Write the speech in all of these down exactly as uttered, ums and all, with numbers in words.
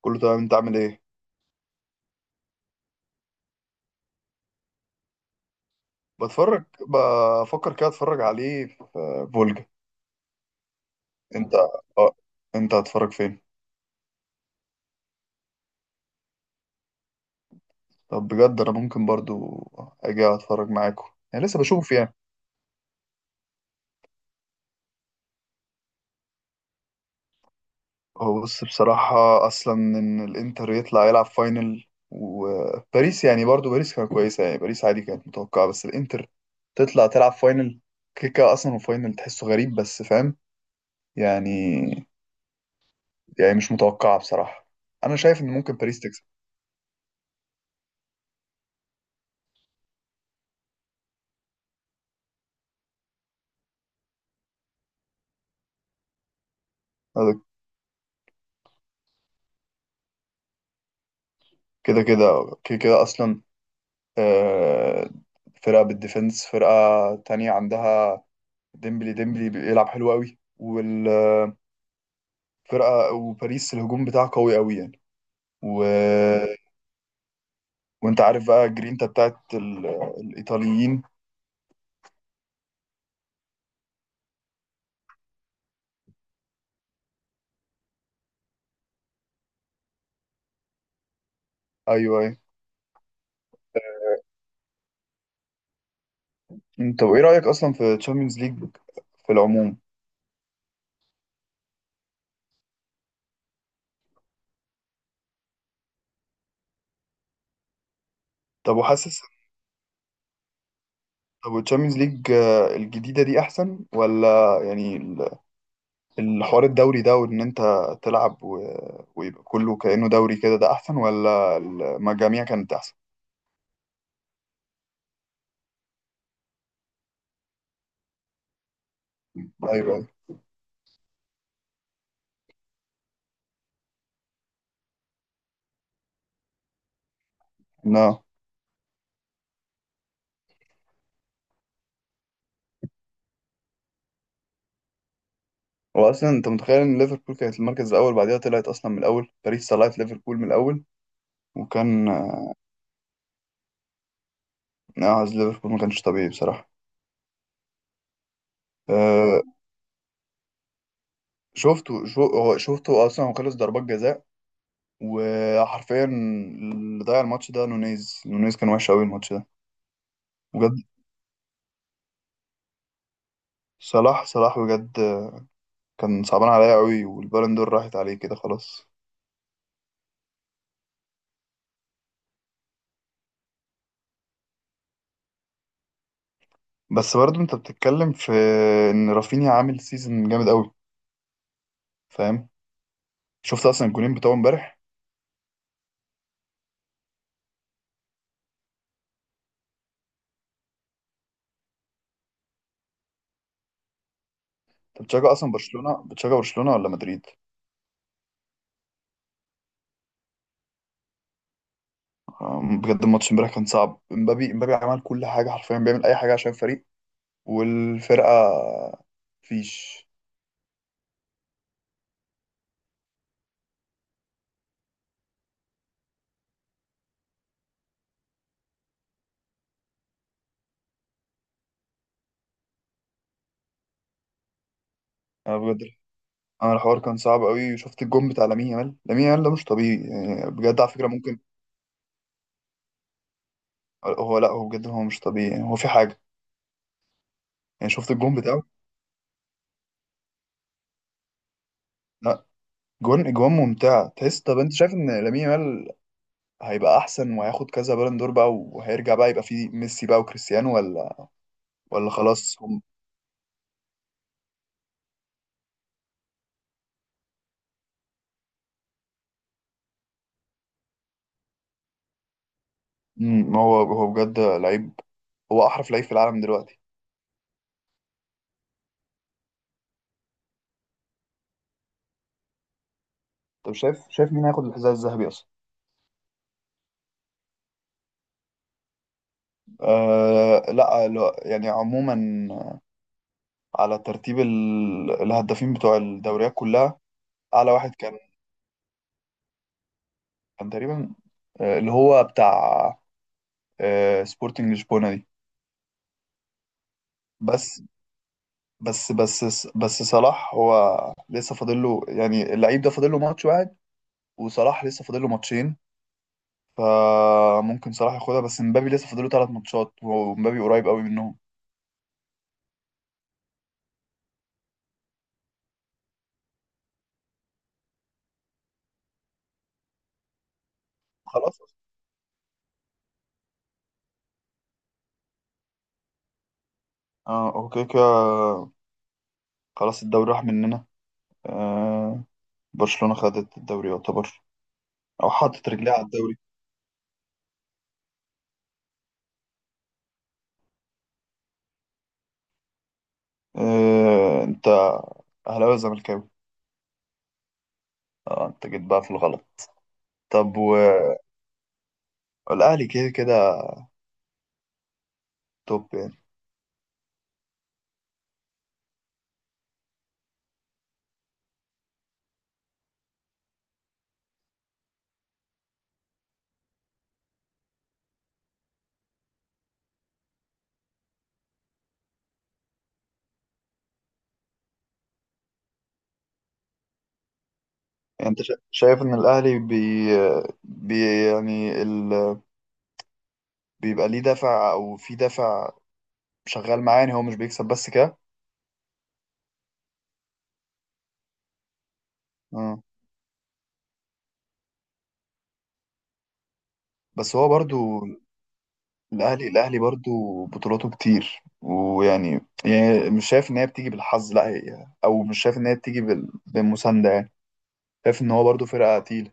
كله تمام، انت عامل ايه؟ بتفرج. بفكر كده اتفرج عليه في فولجا. انت اه انت هتتفرج فين؟ طب بجد انا ممكن برضو اجي اتفرج معاكم. يعني لسه بشوف يعني. هو بص، بصراحة اصلا ان الانتر يطلع يلعب فاينل، وباريس يعني برضو باريس كانت كويسة يعني، باريس عادي كانت متوقعة، بس الانتر تطلع تلعب فاينل كيكا اصلا وفاينل تحسه غريب، بس فاهم يعني يعني مش متوقعة بصراحة. انا شايف ان ممكن باريس تكسب كده كده كده كده أصلا. آه، فرقة بالديفنس، فرقة تانية عندها ديمبلي ديمبلي بيلعب حلو قوي، والفرقة وباريس الهجوم بتاعها قوي قوي يعني و... وانت عارف بقى جرينتا بتاعت ال... الإيطاليين. أيوه أيوه. انت وإيه رأيك أصلا في تشامبيونز ليج في العموم؟ طب وحاسس طب التشامبيونز ليج الجديدة دي أحسن، ولا يعني الحوار الدوري ده، وان انت تلعب و... ويبقى كله كأنه دوري كده، ده احسن ولا المجاميع كانت احسن؟ ايوه ايوه. لا، هو اصلا انت متخيل ان ليفربول كانت المركز الاول، بعدها طلعت اصلا من الاول، باريس طلعت ليفربول من الاول، وكان نعز ليفربول ما كانش طبيعي بصراحة. أه، شفته شو هو شفته اصلا، هو خلص ضربات جزاء وحرفيا اللي ضيع الماتش ده نونيز نونيز، كان وحش قوي الماتش ده. بجد صلاح صلاح بجد، كان صعبان عليا قوي والبالون دور راحت عليه كده خلاص. بس برضه انت بتتكلم في ان رافينيا عامل سيزون جامد قوي، فاهم. شفت اصلا الجولين بتوعه امبارح؟ انت بتشجع اصلا برشلونة؟ بتشجع برشلونة ولا مدريد؟ آه، بجد الماتش امبارح كان صعب، امبابي امبابي عمل كل حاجة، حرفيا بيعمل اي حاجة عشان الفريق والفرقة فيش. انا بجد، انا الحوار كان صعب قوي، وشفت الجون بتاع لامين يامال. لامين يامال ده مش طبيعي يعني بجد، على فكرة ممكن. هو لا، هو بجد هو مش طبيعي يعني، هو في حاجة يعني. شفت الجون بتاعه؟ لا، جون اجوان ممتعة تحس. طب انت شايف ان لامين يامال هيبقى احسن وهياخد كذا بالون دور بقى وهيرجع بقى يبقى فيه ميسي بقى وكريستيانو، ولا ولا خلاص هم؟ مم، هو هو بجد لعيب، هو احرف لعيب في العالم دلوقتي. طب شايف شايف مين هياخد الحذاء الذهبي اصلا؟ آه لا لا، يعني عموما على ترتيب ال- الهدافين بتوع الدوريات كلها، اعلى واحد كان كان تقريبا آه، اللي هو بتاع آه، سبورتنج لشبونة دي. بس بس بس بس صلاح هو لسه فاضل له يعني، اللعيب ده فاضل له ماتش واحد، وصلاح لسه فاضل له ماتشين. فممكن صلاح ياخدها، بس مبابي لسه فاضل له ثلاث ماتشات، ومبابي قريب قوي منهم. خلاص، اه اوكي كده، خلاص الدوري راح مننا. آه، برشلونة خدت الدوري يعتبر، او حطت رجليها على الدوري. آه، انت اهلاوي ولا زملكاوي؟ اه، انت جيت بقى في الغلط. طب، والاهلي كده كده توب يعني. يعني انت شا- شايف ان الاهلي بي, بي يعني ال... بيبقى ليه دافع، او في دافع شغال معاه، يعني هو مش بيكسب بس كده؟ آه. بس هو برضو الاهلي الاهلي برضو بطولاته كتير، ويعني يعني مش شايف ان هي بتيجي بالحظ، لا، هي او مش شايف ان هي بتيجي بال- بالمسانده يعني، شايف ان هو برضو فرقه تقيله.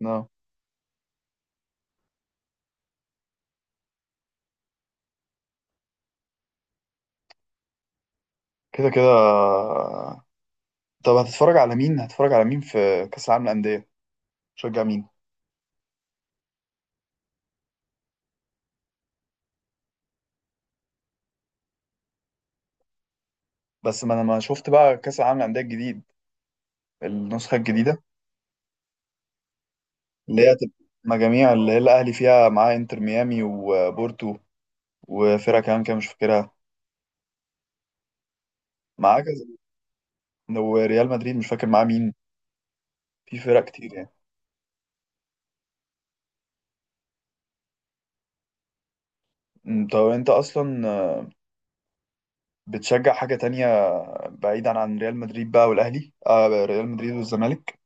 نعم. كده كده. طب هتتفرج على مين هتتفرج على مين في كاس العالم للانديه؟ شجع مين. بس ما انا ما شفت بقى كاس العالم للانديه الجديد، النسخه الجديده، اللي هي هتبقى مجاميع، اللي هي الاهلي فيها معاه انتر ميامي وبورتو وفرقه كمان كده مش فاكرها، معاه كذا، وريال مدريد مش فاكر معاه مين. في فرق كتير يعني. أمم، طب انت اصلا، آه، بتشجع حاجة تانية بعيدا عن ريال مدريد بقى والاهلي؟ آه، ريال مدريد والزمالك.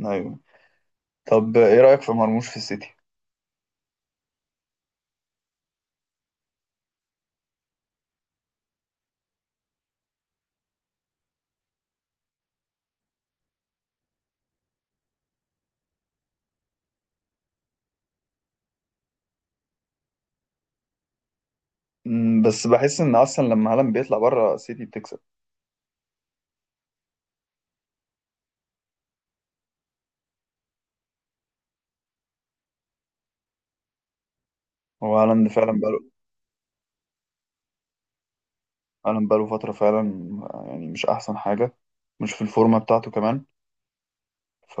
ايوه. طب ايه رأيك في مرموش في السيتي؟ أمم، بس بحس ان اصلا لما هالاند بيطلع بره السيتي بتكسب. هو هالاند فعلا بقاله، هالاند بقاله فترة فعلا. آه، يعني مش احسن حاجة، مش في الفورمة بتاعته كمان، ف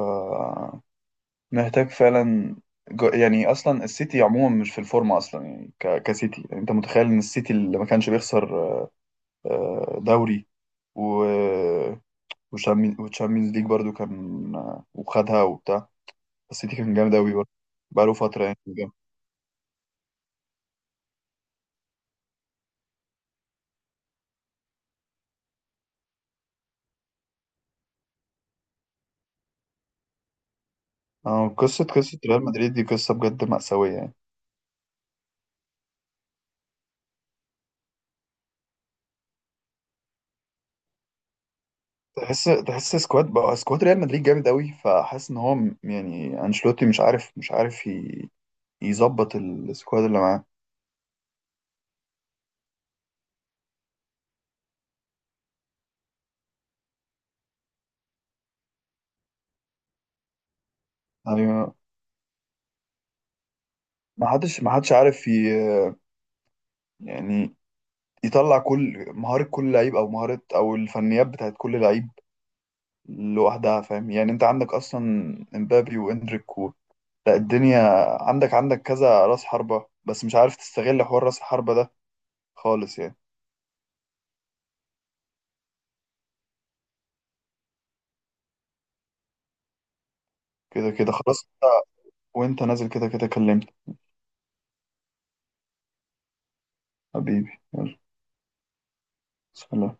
محتاج فعلا، جو- يعني اصلا السيتي عموما مش في الفورمة اصلا يعني، ك... كسيتي يعني. انت متخيل ان السيتي اللي ما كانش بيخسر آه، دوري و وتشامبيونز ليج برضو، كان آه، وخدها وبتاع، السيتي كان جامد أوي برضه بقاله فترة يعني، كان جامد. آه، قصة قصة ريال مدريد دي قصة بجد مأساوية يعني. تحس، تحس سكواد بقى سكواد ريال مدريد جامد أوي، فحاسس إن هو م- يعني أنشيلوتي مش عارف مش عارف ي- يظبط السكواد اللي معاه. أيوة، ما حدش ما حدش عارف ي- يعني يطلع كل مهارة، كل لعيب أو مهارة أو الفنيات بتاعت كل لعيب لوحدها، فاهم يعني. انت عندك اصلا امبابي واندريك و... لا الدنيا، عندك عندك كذا راس حربة، بس مش عارف تستغل حوار راس الحربة ده خالص يعني. كده كده خلاص، وانت نازل كده كده كلمت. حبيبي يلا. سلام.